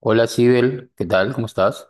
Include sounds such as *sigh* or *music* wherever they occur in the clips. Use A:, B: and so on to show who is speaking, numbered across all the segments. A: Hola, Sibel, ¿qué tal? ¿Cómo estás?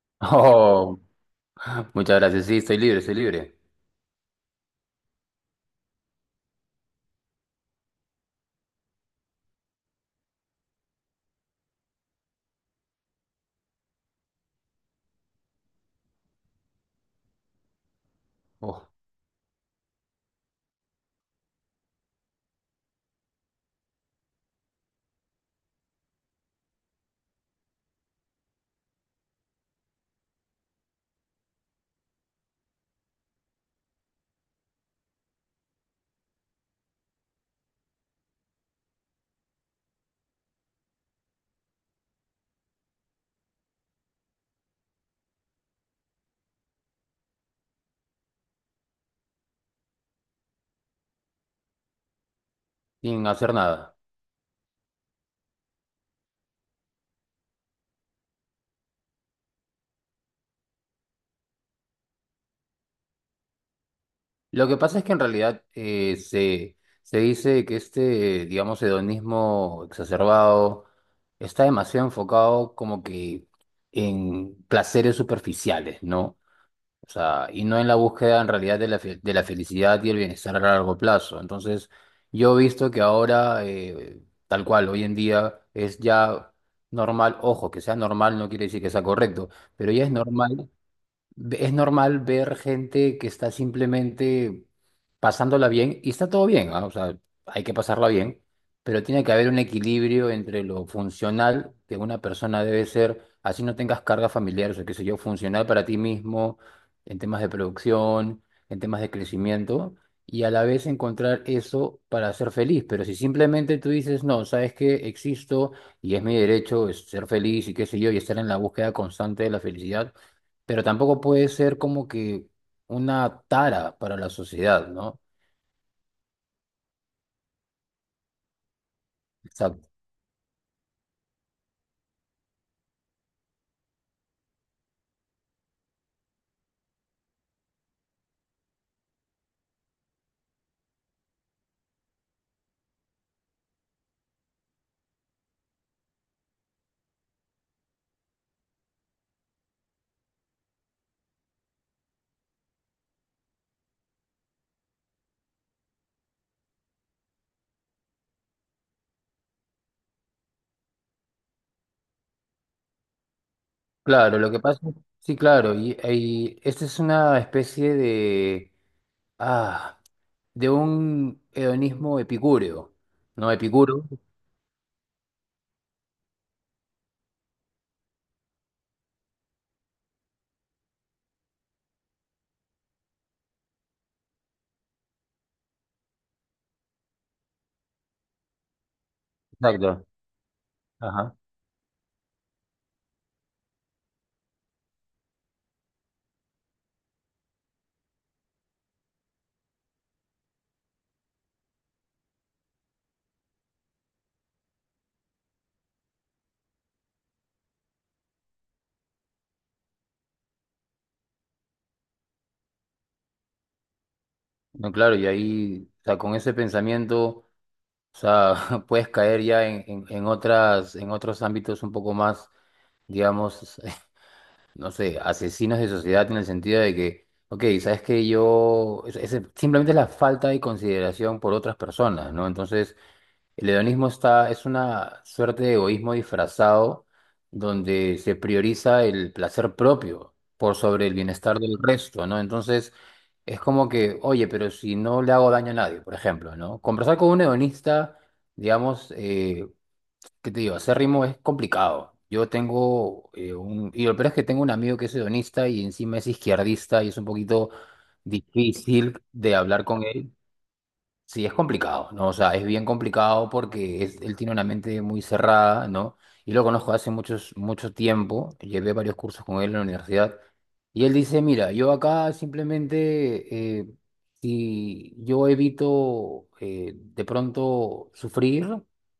A: *laughs* Oh, muchas gracias. Sí, estoy libre, estoy libre. Oh, sin hacer nada. Lo que pasa es que en realidad se dice que este, digamos, hedonismo exacerbado está demasiado enfocado como que en placeres superficiales, ¿no? O sea, y no en la búsqueda en realidad de de la felicidad y el bienestar a largo plazo. Entonces, yo he visto que ahora, tal cual, hoy en día es ya normal, ojo, que sea normal no quiere decir que sea correcto, pero ya es normal es normal ver gente que está simplemente pasándola bien y está todo bien, ¿ah? O sea, hay que pasarla bien, pero tiene que haber un equilibrio entre lo funcional que una persona debe ser, así no tengas cargas familiares o qué sé yo, funcional para ti mismo, en temas de producción, en temas de crecimiento, y a la vez encontrar eso para ser feliz. Pero si simplemente tú dices, no, sabes que existo y es mi derecho es ser feliz y qué sé yo, y estar en la búsqueda constante de la felicidad, pero tampoco puede ser como que una tara para la sociedad, ¿no? Exacto. Claro, lo que pasa, sí, claro, y esta es una especie de, ah, de un hedonismo epicúreo, ¿no? Epicuro. Exacto. Ajá. No, claro, y ahí, o sea, con ese pensamiento, o sea, *laughs* puedes caer ya en otras, en otros ámbitos un poco más, digamos, *laughs* no sé, asesinos de sociedad en el sentido de que, ok, sabes que yo, simplemente es la falta de consideración por otras personas, ¿no? Entonces, el hedonismo está, es una suerte de egoísmo disfrazado donde se prioriza el placer propio por sobre el bienestar del resto, ¿no? Entonces, es como que, oye, pero si no le hago daño a nadie, por ejemplo, ¿no? Conversar con un hedonista, digamos, ¿qué te digo? Hacer ritmo es complicado. Yo tengo un... Y lo peor es que tengo un amigo que es hedonista y encima es izquierdista y es un poquito difícil de hablar con él. Sí, es complicado, ¿no? O sea, es bien complicado porque él tiene una mente muy cerrada, ¿no? Y lo conozco hace muchos, mucho tiempo, llevé varios cursos con él en la universidad, y él dice, mira, yo acá simplemente, si yo evito de pronto sufrir,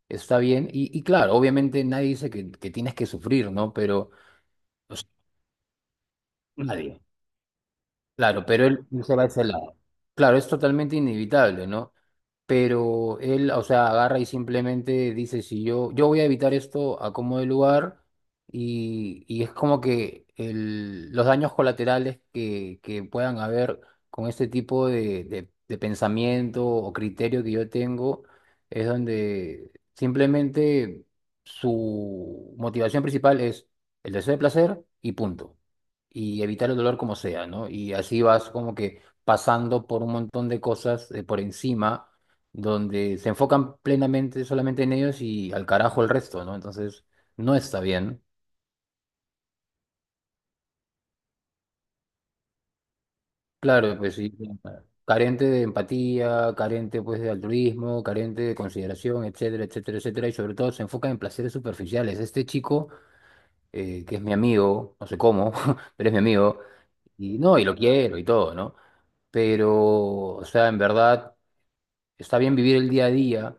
A: está bien, y claro, obviamente nadie dice que tienes que sufrir, ¿no? Pero o sea, nadie. Claro, pero él no se va a ese lado. Claro, es totalmente inevitable, ¿no? Pero él, o sea, agarra y simplemente dice, si yo voy a evitar esto a como de lugar, y es como que los daños colaterales que puedan haber con este tipo de pensamiento o criterio que yo tengo, es donde simplemente su motivación principal es el deseo de placer y punto y evitar el dolor como sea, ¿no? Y así vas como que pasando por un montón de cosas por encima, donde se enfocan plenamente solamente en ellos y al carajo el resto, ¿no? Entonces, no está bien. Claro, pues sí, carente de empatía, carente pues de altruismo, carente de consideración, etcétera, etcétera, etcétera, y sobre todo se enfoca en placeres superficiales. Este chico, que es mi amigo, no sé cómo, *laughs* pero es mi amigo, y no, y lo quiero y todo, ¿no? Pero, o sea, en verdad... está bien vivir el día a día,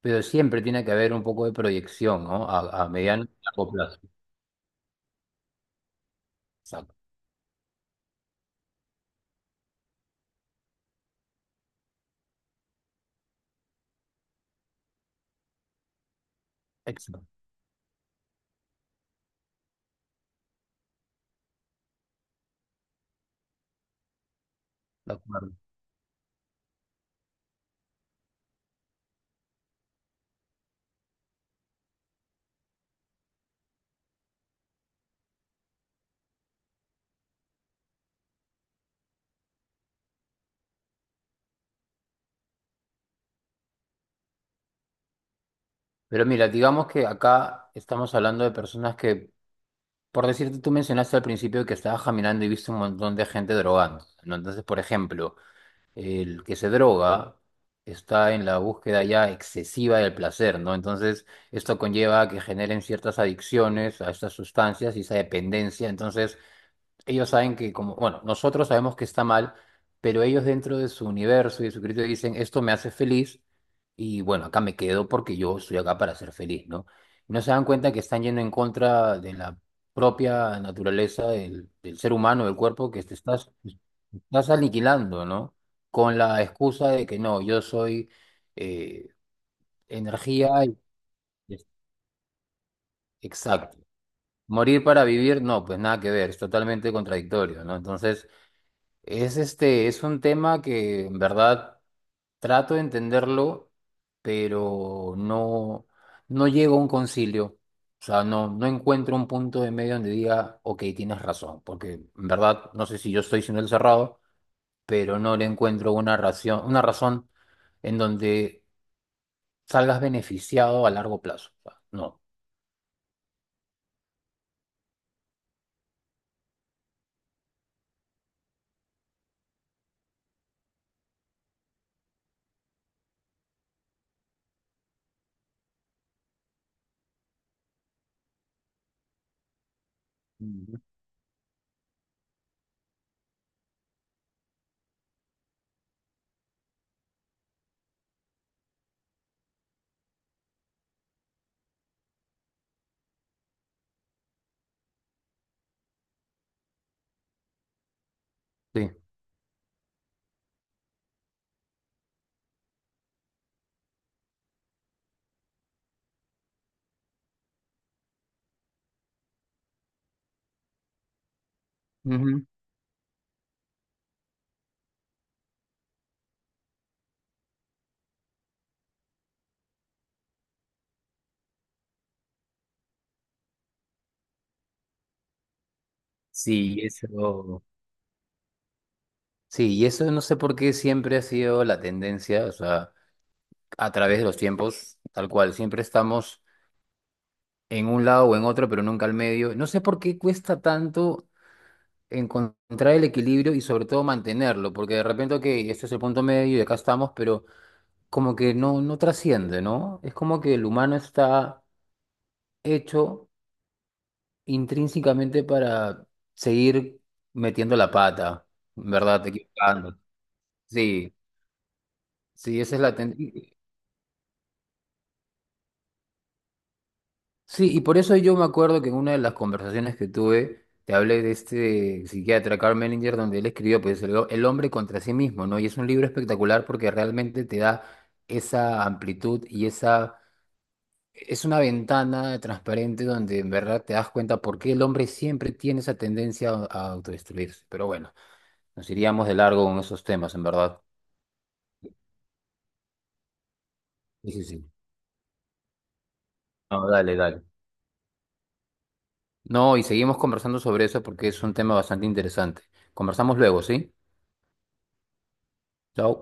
A: pero siempre tiene que haber un poco de proyección, ¿no? A mediano y largo plazo. Exacto, exacto, de acuerdo. Pero mira, digamos que acá estamos hablando de personas que, por decirte, tú mencionaste al principio que estabas caminando y viste un montón de gente drogando, ¿no? Entonces, por ejemplo, el que se droga está en la búsqueda ya excesiva del placer, ¿no? Entonces, esto conlleva a que generen ciertas adicciones a estas sustancias y esa dependencia. Entonces, ellos saben que, como, bueno, nosotros sabemos que está mal, pero ellos dentro de su universo y de su criterio dicen, esto me hace feliz y bueno, acá me quedo porque yo estoy acá para ser feliz, ¿no? Y no se dan cuenta que están yendo en contra de la propia naturaleza del ser humano, del cuerpo, que te estás aniquilando, ¿no? Con la excusa de que no, yo soy eh, energía y... Exacto. Morir para vivir, no, pues nada que ver, es totalmente contradictorio, ¿no? Entonces... es este, es un tema que en verdad trato de entenderlo, pero no, no llego a un concilio. O sea, no, no encuentro un punto de medio donde diga, ok, tienes razón, porque en verdad no sé si yo estoy siendo el cerrado, pero no le encuentro una razón en donde salgas beneficiado a largo plazo. O sea, no. Ujú. Sí. Ujú. Sí, eso. Sí, y eso no sé por qué siempre ha sido la tendencia, o sea, a través de los tiempos, tal cual. Siempre estamos en un lado o en otro, pero nunca al medio. No sé por qué cuesta tanto encontrar el equilibrio y sobre todo mantenerlo, porque de repente, ok, este es el punto medio y acá estamos, pero como que no, no trasciende, ¿no? Es como que el humano está hecho intrínsecamente para seguir metiendo la pata, ¿verdad? Equivocando. Sí, sí, esa es la tendencia. Sí, y por eso yo me acuerdo que en una de las conversaciones que tuve, te hablé de este psiquiatra Carl Menninger, donde él escribió pues, el hombre contra sí mismo, ¿no? Y es un libro espectacular porque realmente te da esa amplitud y esa... es una ventana transparente donde en verdad te das cuenta por qué el hombre siempre tiene esa tendencia a autodestruirse. Pero bueno, nos iríamos de largo con esos temas, en verdad. Sí, sí, sí. No, dale, dale. No, y seguimos conversando sobre eso porque es un tema bastante interesante. Conversamos luego, ¿sí? Chao.